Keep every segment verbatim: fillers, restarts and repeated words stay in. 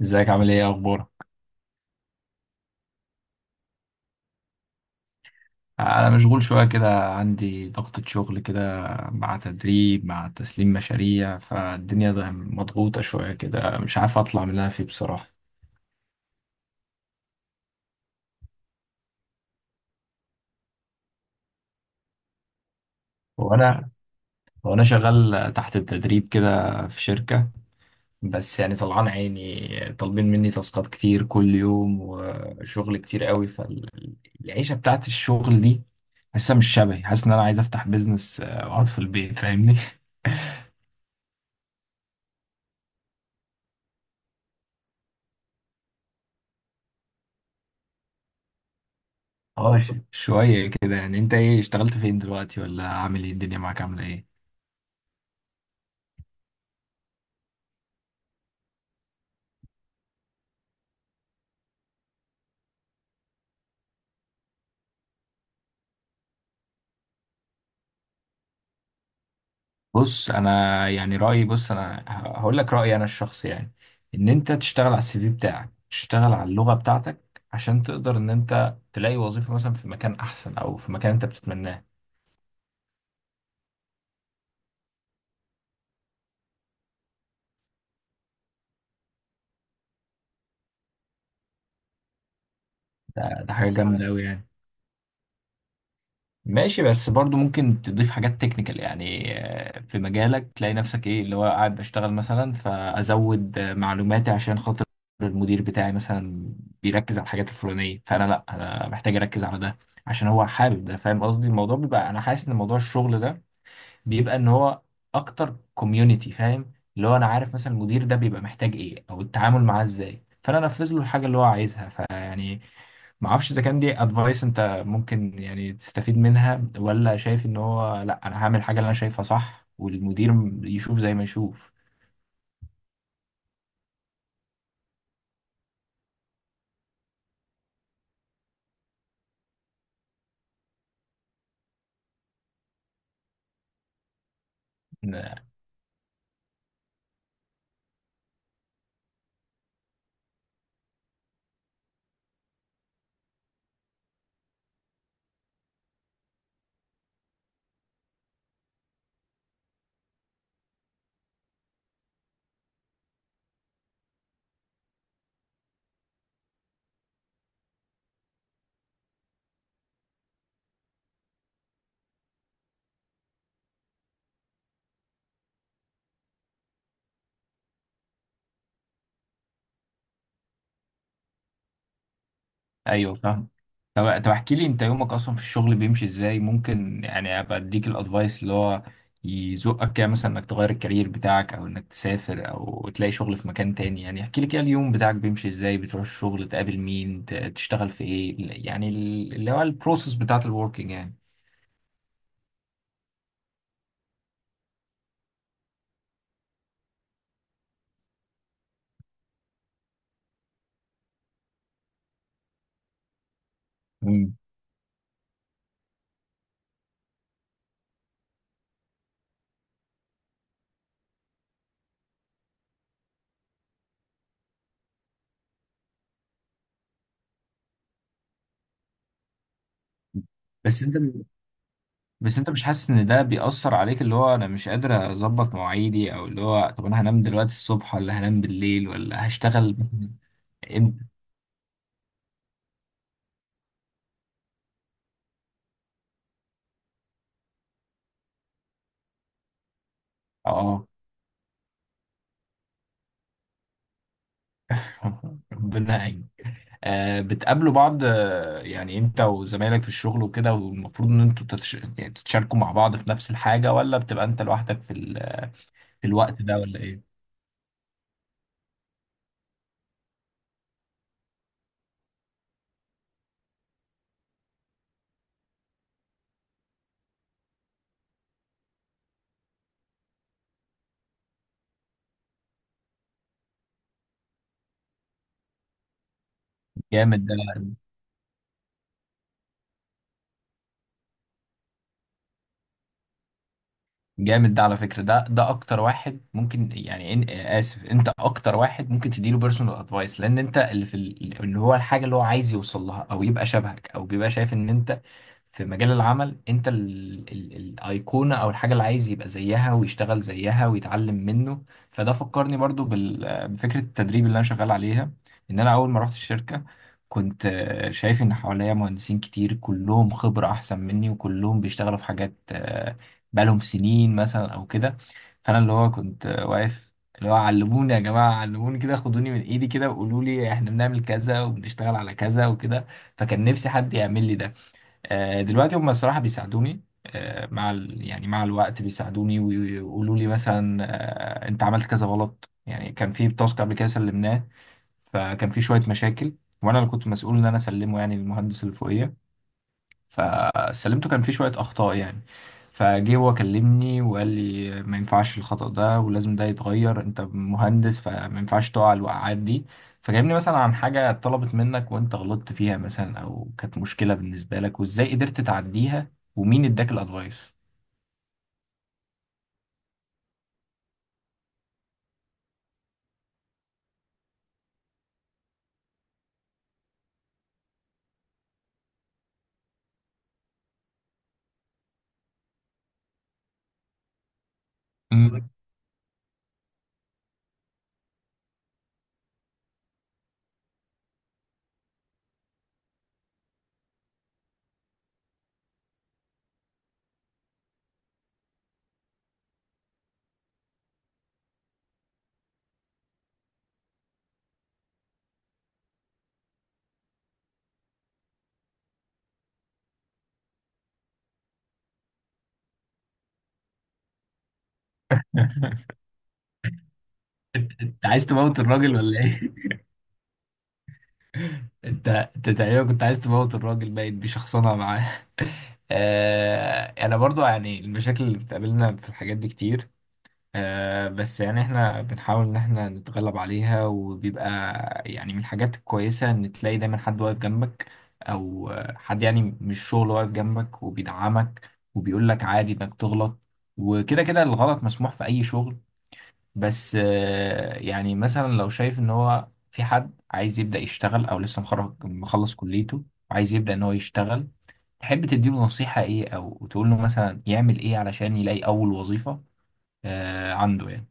ازيك عامل ايه اخبارك؟ انا مشغول شويه كده، عندي ضغطة شغل كده، مع تدريب، مع تسليم مشاريع. فالدنيا ده مضغوطه شويه كده. مش عارف اطلع من اللي انا فيه بصراحه. وانا وانا شغال تحت التدريب كده في شركه. بس يعني طلعان عيني، طالبين مني تاسكات كتير كل يوم وشغل كتير قوي. فالعيشه بتاعت الشغل دي حاسسها مش شبهي. حاسس ان انا عايز افتح بيزنس، آه، واقعد في البيت، فاهمني؟ اه، ش- شوية كده. يعني انت ايه، اشتغلت فين دلوقتي، ولا عامل ايه؟ الدنيا معاك عاملة ايه؟ بص، انا يعني رأيي، بص انا ه- هقول لك رأيي انا الشخصي يعني. ان انت تشتغل على السي في بتاعك، تشتغل على اللغة بتاعتك، عشان تقدر ان انت تلاقي وظيفة مثلا في مكان احسن، او في مكان انت بتتمناه. ده, ده حاجة جامدة قوي يعني. ماشي، بس برضو ممكن تضيف حاجات تكنيكال يعني، آه، في مجالك، تلاقي نفسك ايه اللي هو قاعد بشتغل مثلا، فازود آه، معلوماتي عشان خاطر المدير بتاعي مثلا بيركز على الحاجات الفلانية، فانا لا، انا محتاج اركز على ده عشان هو حابب ده، فاهم قصدي؟ الموضوع بيبقى انا حاسس ان موضوع الشغل ده بيبقى ان هو اكتر كوميونتي. فاهم اللي هو انا عارف مثلا المدير ده بيبقى محتاج ايه، او التعامل معاه ازاي، فانا انفذ له الحاجه اللي هو عايزها. فيعني ما اعرفش اذا كان دي ادفايس انت ممكن يعني تستفيد منها، ولا شايف ان هو لا، انا هعمل الحاجه اللي انا شايفها صح، والمدير يشوف زي ما يشوف. ايوه، فاهم. طب طب احكي لي انت، يومك اصلا في الشغل بيمشي ازاي؟ ممكن يعني ابقى اديك الادفايس اللي هو يزقك كده مثلا، انك تغير الكارير بتاعك، او انك تسافر، او تلاقي شغل في مكان تاني. يعني احكي لي كده، اليوم بتاعك بيمشي ازاي؟ بتروح الشغل، تقابل مين، ت- تشتغل في ايه؟ يعني ال- اللي هو البروسيس بتاعت الوركينج يعني. مم. بس انت بس انت مش حاسس ان ده بيأثر عليك؟ اللي هو، انا مش قادر اظبط مواعيدي، او اللي هو، طب انا هنام دلوقتي الصبح ولا هنام بالليل، ولا هشتغل مثلا؟ امتى؟ اه. ربنا يعين. آه، بتقابلوا بعض، آه، يعني انت وزمايلك في الشغل وكده؟ والمفروض ان انتوا تتش... يعني تتشاركوا مع بعض في نفس الحاجة، ولا بتبقى انت لوحدك في, ال... في الوقت ده ولا ايه؟ جامد ده. جامد ده على فكرة. ده ده اكتر واحد ممكن يعني، إن... اسف، انت اكتر واحد ممكن تديله بيرسونال ادفايس، لان انت اللي في ال... اللي هو الحاجة اللي هو عايز يوصل لها، او يبقى شبهك، او بيبقى شايف ان انت في مجال العمل انت ال... ال... الايقونة، او الحاجة اللي عايز يبقى زيها ويشتغل زيها ويتعلم منه. فده فكرني برضو بال... بفكرة التدريب اللي انا شغال عليها. ان انا اول ما رحت الشركة، كنت آه، شايف ان حواليا مهندسين كتير، كلهم خبرة احسن مني، وكلهم بيشتغلوا في حاجات بقالهم سنين مثلا او كده. فانا اللي هو كنت واقف اللي هو، علموني يا جماعه، علموني كده، خدوني من ايدي كده، وقولوا لي احنا بنعمل كذا وبنشتغل على كذا وكده. فكان نفسي حد يعمل لي ده. آه، دلوقتي هم الصراحه بيساعدوني، آه، مع ال... يعني مع الوقت بيساعدوني ويقولوا لي مثلا، آه، انت عملت كذا غلط. يعني كان في تاسك قبل كده سلمناه، فكان في شويه مشاكل، وانا اللي كنت مسؤول ان انا اسلمه يعني للمهندس اللي فوقيا. فسلمته كان فيه شوية أخطاء يعني. فجه هو كلمني وقال لي ما ينفعش الخطأ ده ولازم ده يتغير، أنت مهندس فما ينفعش تقع الوقعات دي. فكلمني مثلا، عن حاجة اتطلبت منك وأنت غلطت فيها مثلا، أو كانت مشكلة بالنسبة لك وإزاي قدرت تعديها، ومين اداك الأدفايس؟ مم. أنت عايز تموت الراجل ولا إيه؟ أنت أنت تقريبا كنت عايز تموت الراجل، باين بشخصنة معاه. آه، انا برضو يعني المشاكل اللي بتقابلنا في الحاجات دي كتير. آه، بس يعني احنا بنحاول ان احنا نتغلب عليها، وبيبقى يعني من الحاجات الكويسة ان تلاقي دايما حد واقف جنبك، او آه، حد يعني مش شغل واقف جنبك وبيدعمك وبيقول لك عادي انك تغلط، وكده كده الغلط مسموح في اي شغل. بس آه، يعني مثلا لو شايف ان هو في حد عايز يبدأ يشتغل، او لسه مخرج مخلص كليته وعايز يبدأ ان هو يشتغل، تحب تديله نصيحة ايه، او تقول له مثلا يعمل ايه علشان يلاقي اول وظيفة آه، عنده يعني؟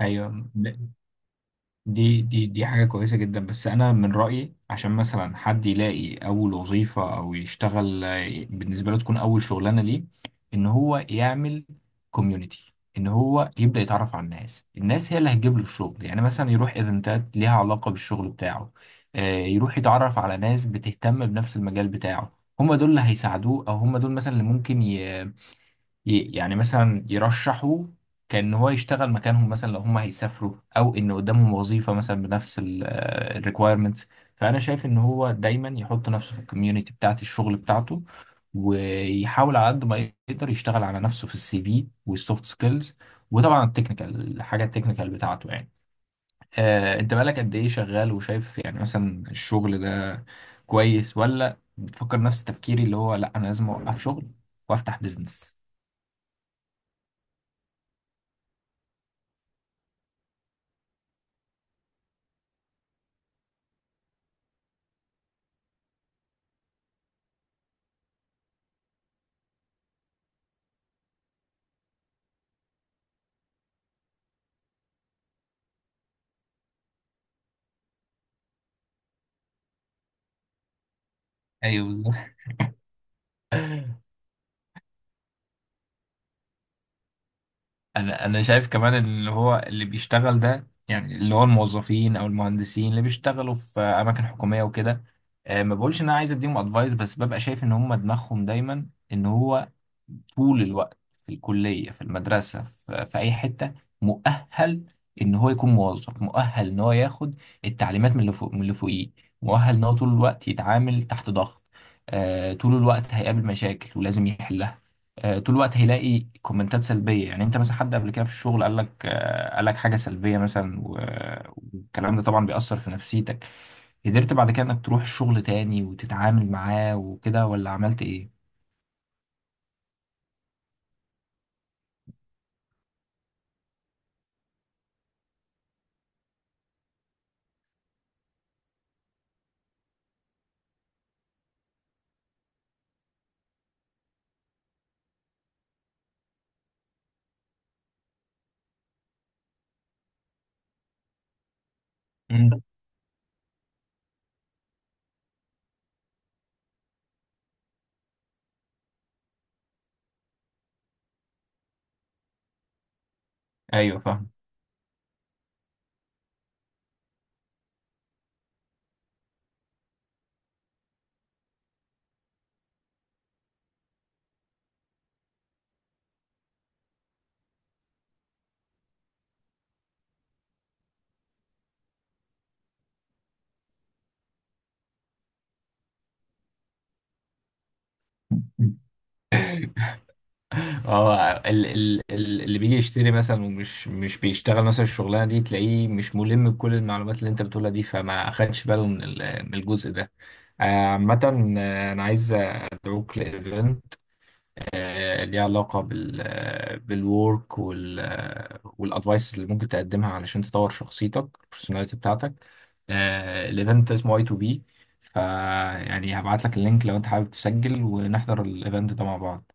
ايوه. دي دي دي حاجه كويسه جدا. بس انا من رايي عشان مثلا حد يلاقي اول وظيفه، او يشتغل آه، بالنسبه له، تكون اول شغلانه ليه، ان هو يعمل كوميونتي. ان هو يبدا يتعرف على الناس. الناس هي اللي هتجيب له الشغل. يعني مثلا يروح ايفنتات ليها علاقه بالشغل بتاعه. آه، يروح يتعرف على ناس بتهتم بنفس المجال بتاعه. هم دول اللي هيساعدوه، او هم دول مثلا اللي ممكن ي- يعني مثلا يرشحوا كأن هو يشتغل مكانهم مثلا، لو هم هيسافروا، او ان قدامهم وظيفة مثلا بنفس الريكويرمنتس. فانا شايف ان هو دايما يحط نفسه في الكوميونتي بتاعت الشغل بتاعته، ويحاول على قد ما يقدر يشتغل على نفسه في السي في والسوفت سكيلز، وطبعا التكنيكال، الحاجة التكنيكال بتاعته يعني. آه، انت بقالك قد ايه شغال وشايف يعني مثلا الشغل ده كويس، ولا بتفكر نفس تفكيري اللي هو لا، انا لازم اوقف شغل وافتح بزنس؟ ايوه، بالظبط. انا انا شايف كمان اللي هو، اللي بيشتغل ده، يعني اللي هو الموظفين او المهندسين اللي بيشتغلوا في اماكن حكوميه وكده، آه، ما بقولش ان انا عايز اديهم ادفايس، بس ببقى شايف ان هم دماغهم دايما ان هو طول الوقت، في الكليه، في المدرسه، في, في اي حته، مؤهل ان هو يكون موظف، مؤهل ان هو ياخد التعليمات من اللي فوق، من اللي فوقيه، مؤهل ان هو طول الوقت يتعامل تحت ضغط، آه، طول الوقت هيقابل مشاكل ولازم يحلها، آه، طول الوقت هيلاقي كومنتات سلبيه. يعني انت مثلا حد قبل كده في الشغل قال لك، آه، قال لك حاجه سلبيه مثلا، و- والكلام ده طبعا بيأثر في نفسيتك. قدرت بعد كده انك تروح الشغل تاني وتتعامل معاه وكده، ولا عملت ايه؟ مم. ايوه، فاهم. اه، ال- ال- ال- اللي بيجي يشتري مثلا ومش مش بيشتغل مثلا الشغلانه دي، تلاقيه مش ملم بكل المعلومات اللي انت بتقولها دي، فما اخدش باله من ال- من الجزء ده. آه، عامة، آه، انا عايز ادعوك لايفنت، آه، ليها علاقة بال بالورك وال والادفايس اللي ممكن تقدمها علشان تطور شخصيتك، البرسوناليتي بتاعتك. آه، الايفنت اسمه اي تو بي. فيعني هبعت لك اللينك لو انت حابب تسجل، ونحضر الايفنت ده مع بعض.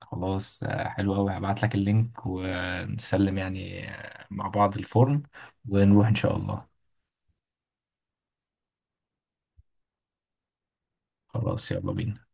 خلاص، آه، حلو قوي. هبعت لك اللينك ونسلم يعني، آه، مع بعض الفورم. ونروح ان شاء الله. خلاص، يلا بينا.